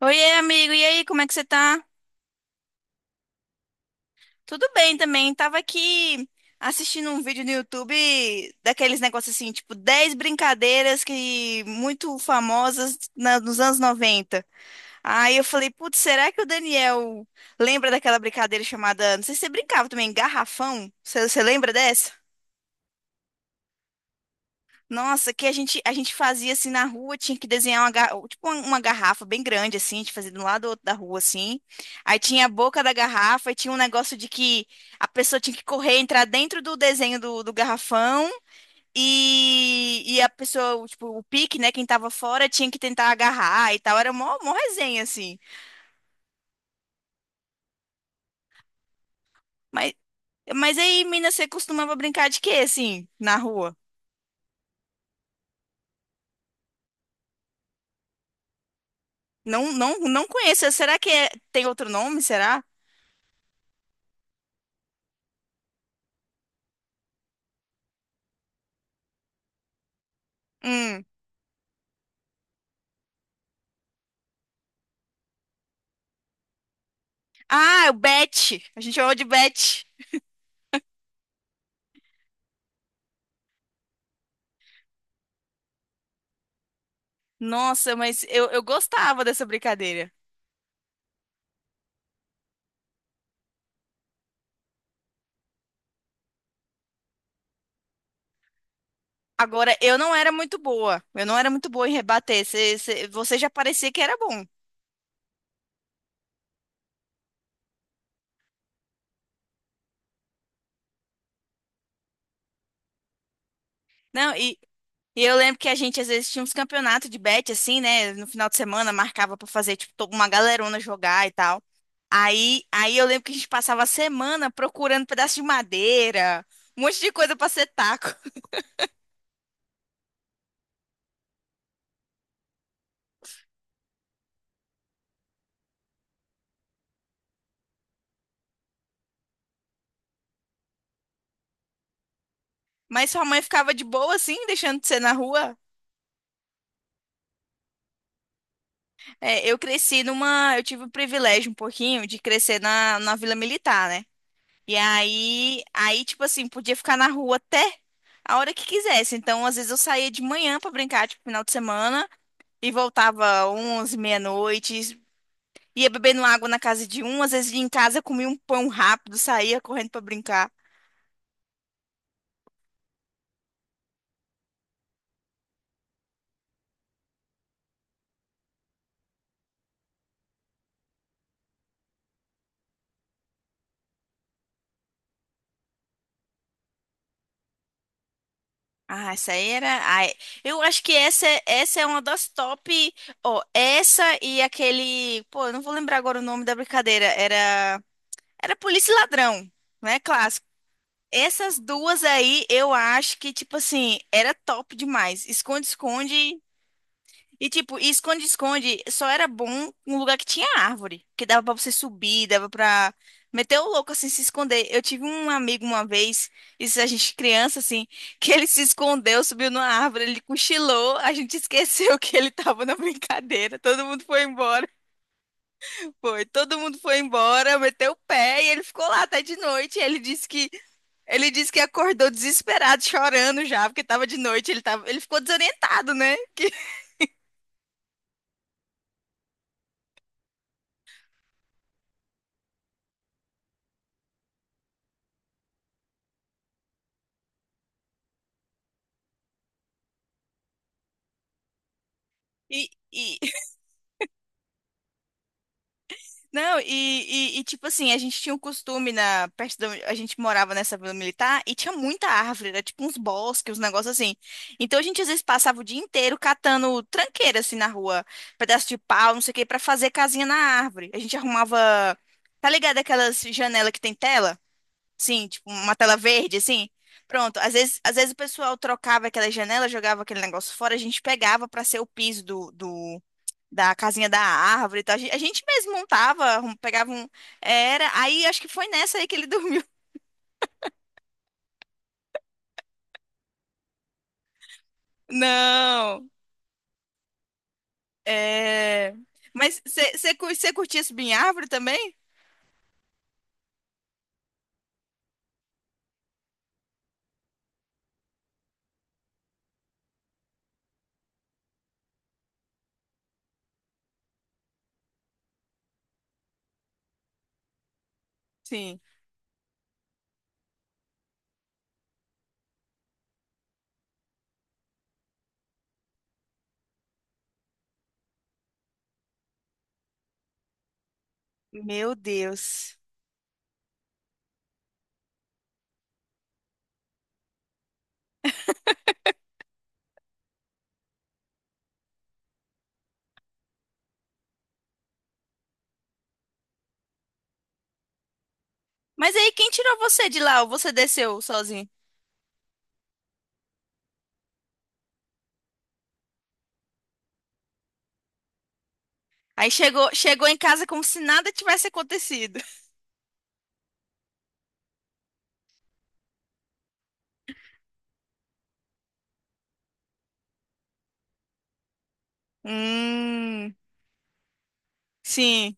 Oiê, amigo, e aí, como é que você tá? Tudo bem também, tava aqui assistindo um vídeo no YouTube daqueles negócios assim, tipo 10 brincadeiras que muito famosas nos anos 90. Aí eu falei, putz, será que o Daniel lembra daquela brincadeira chamada, não sei se você brincava também, garrafão? Você lembra dessa? Nossa, que a gente fazia assim na rua, tinha que desenhar tipo uma garrafa bem grande, assim, a gente fazia de um lado ou outro da rua, assim. Aí tinha a boca da garrafa, e tinha um negócio de que a pessoa tinha que correr, entrar dentro do desenho do garrafão, e a pessoa, tipo, o pique, né, quem tava fora, tinha que tentar agarrar e tal. Era mó, mó resenha, assim. Mas, mas aí, mina, você costumava brincar de quê, assim, na rua? Não, não, não conheço. Será que tem outro nome? Será? Hum. Ah, o Bet. A gente chamava de Bet. Nossa, mas eu gostava dessa brincadeira. Agora, eu não era muito boa. Eu não era muito boa em rebater. Você já parecia que era bom. Não, e eu lembro que a gente às vezes tinha uns campeonatos de bet, assim, né? No final de semana marcava pra fazer, tipo, uma galerona jogar e tal. Aí eu lembro que a gente passava a semana procurando pedaço de madeira, um monte de coisa pra ser taco. Mas sua mãe ficava de boa, assim, deixando de ser na rua? É, eu cresci numa. Eu tive o privilégio um pouquinho de crescer na Vila Militar, né? E aí, tipo assim, podia ficar na rua até a hora que quisesse. Então, às vezes eu saía de manhã pra brincar, tipo, final de semana, e voltava 11, meia-noite, ia bebendo água na casa de um, às vezes ia em casa, comia um pão rápido, saía correndo pra brincar. Ah, essa aí era. Ai, eu acho que essa é uma das top. Ó, essa e aquele. Pô, eu não vou lembrar agora o nome da brincadeira. Era polícia e ladrão, né? Clássico. Essas duas aí, eu acho que, tipo assim, era top demais. Esconde-esconde. E esconde-esconde só era bom um lugar que tinha árvore, que dava pra você subir, dava pra meter o louco, assim, se esconder. Eu tive um amigo uma vez, isso a gente criança, assim, que ele se escondeu, subiu numa árvore, ele cochilou, a gente esqueceu que ele tava na brincadeira, todo mundo foi embora. Foi, todo mundo foi embora, meteu o pé e ele ficou lá até de noite. Ele disse que acordou desesperado, chorando já, porque tava de noite, ele ficou desorientado, né? Que- E, e, Não, e, tipo assim, a gente tinha um costume a gente morava nessa vila militar e tinha muita árvore, era tipo uns bosques, uns negócios assim. Então a gente às vezes passava o dia inteiro catando tranqueira assim na rua, pedaço de pau, não sei o que, pra fazer casinha na árvore. A gente arrumava, tá ligado aquelas janela que tem tela? Sim, tipo uma tela verde assim. Pronto, às vezes o pessoal trocava aquela janela, jogava aquele negócio fora, a gente pegava pra ser o piso da casinha da árvore e tal. A gente mesmo montava, pegava um. Era. Aí acho que foi nessa aí que ele dormiu. Não. É. Mas você curtia subir em árvore também? Sim. Meu Deus. Mas aí quem tirou você de lá? Ou você desceu sozinho? Aí chegou em casa como se nada tivesse acontecido. Hum, sim.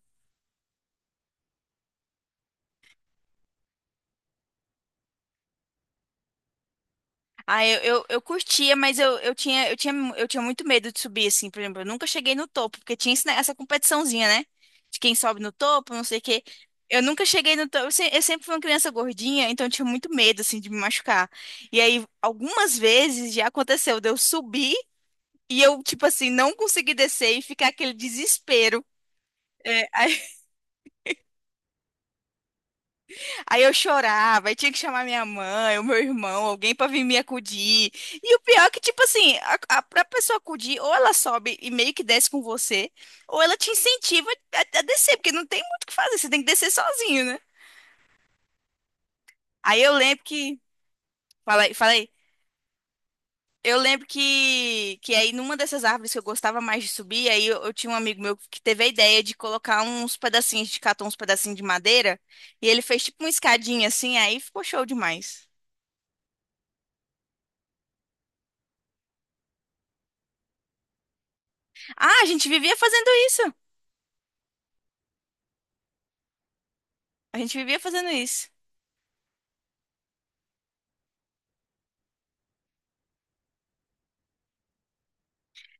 Ah, eu curtia, mas eu tinha muito medo de subir, assim, por exemplo, eu nunca cheguei no topo, porque tinha essa competiçãozinha, né? De quem sobe no topo, não sei o quê. Eu nunca cheguei no topo, eu, se- eu sempre fui uma criança gordinha, então eu tinha muito medo, assim, de me machucar. E aí, algumas vezes já aconteceu de eu subir e eu, tipo assim, não conseguir descer e ficar aquele desespero. É, Aí eu chorava, aí tinha que chamar minha mãe, o meu irmão, alguém pra vir me acudir. E o pior é que, tipo assim, pra pessoa acudir, ou ela sobe e meio que desce com você, ou ela te incentiva a descer, porque não tem muito o que fazer, você tem que descer sozinho, né? Aí eu lembro que. Falei, falei. Eu lembro que aí numa dessas árvores que eu gostava mais de subir, aí eu tinha um amigo meu que teve a ideia de colocar uns pedacinhos, de catar uns pedacinhos de madeira, e ele fez tipo uma escadinha assim, aí ficou show demais. Ah, a gente vivia fazendo isso. A gente vivia fazendo isso.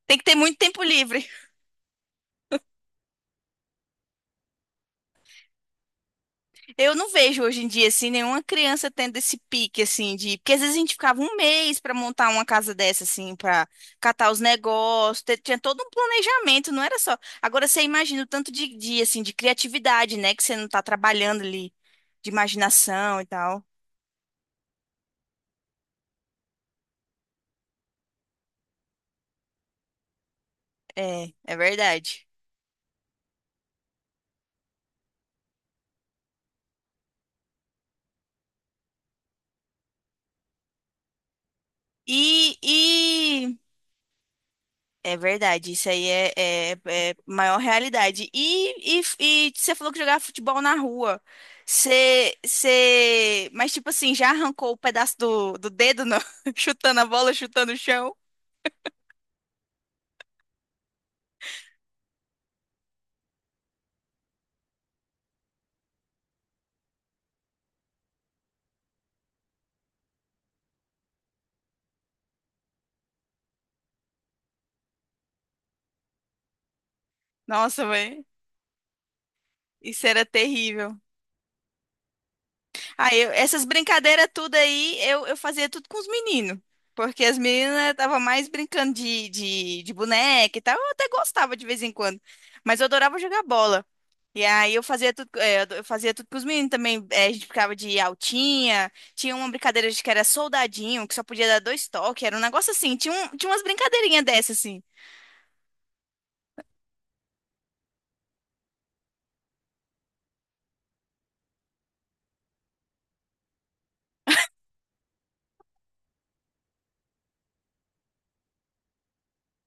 Tem que ter muito tempo livre. Eu não vejo hoje em dia, assim, nenhuma criança tendo esse pique, assim, de. Porque às vezes a gente ficava um mês para montar uma casa dessa, assim, para catar os negócios, tinha todo um planejamento, não era só. Agora você imagina o tanto assim, de criatividade, né, que você não tá trabalhando ali, de imaginação e tal. É, é verdade. E, e É verdade, isso aí é maior realidade. E você falou que jogava futebol na rua. Mas, tipo assim, já arrancou o pedaço do dedo, não? Chutando a bola, chutando o chão? Nossa, velho, isso era terrível. Aí, essas brincadeiras tudo aí, eu fazia tudo com os meninos. Porque as meninas estavam mais brincando de boneca e tal. Eu até gostava de vez em quando. Mas eu adorava jogar bola. E aí eu fazia tudo, é, eu fazia tudo com os meninos também. É, a gente ficava de altinha. Tinha uma brincadeira de que era soldadinho, que só podia dar dois toques. Era um negócio assim. Tinha umas brincadeirinhas dessas, assim.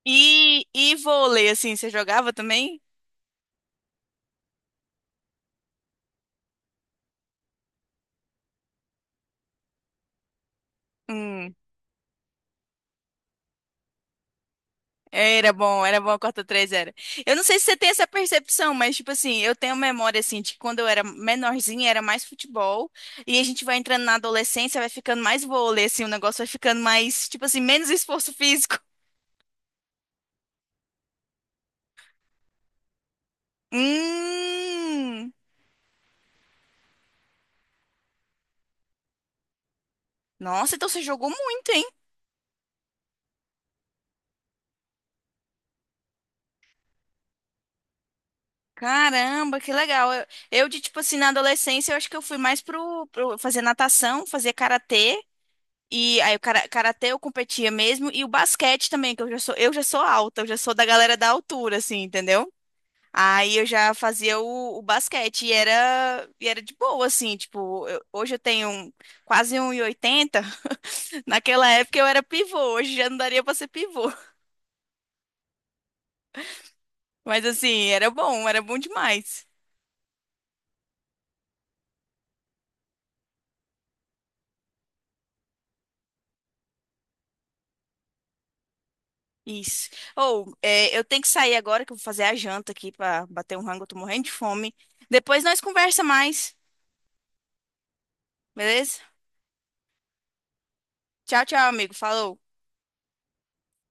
E vôlei, assim, você jogava também? Hum. Era bom a Cota 3 era. Eu não sei se você tem essa percepção, mas tipo assim, eu tenho memória assim de quando eu era menorzinha, era mais futebol, e a gente vai entrando na adolescência, vai ficando mais vôlei assim, o negócio vai ficando mais, tipo assim, menos esforço físico. Hum. Nossa, então você jogou muito, hein? Caramba, que legal. Eu de tipo assim, na adolescência, eu acho que eu fui mais pro, fazer natação, fazer karatê. E aí o karatê eu competia mesmo e o basquete também, que eu já sou alta, eu já sou da galera da altura assim, entendeu? Aí eu já fazia o basquete e era de boa assim, tipo, hoje eu tenho quase 1,80. Naquela época eu era pivô, hoje já não daria pra ser pivô. Mas assim, era bom demais. Isso. Ou, é, eu tenho que sair agora que eu vou fazer a janta aqui pra bater um rango, eu tô morrendo de fome. Depois nós conversa mais, beleza? Tchau, tchau, amigo. Falou.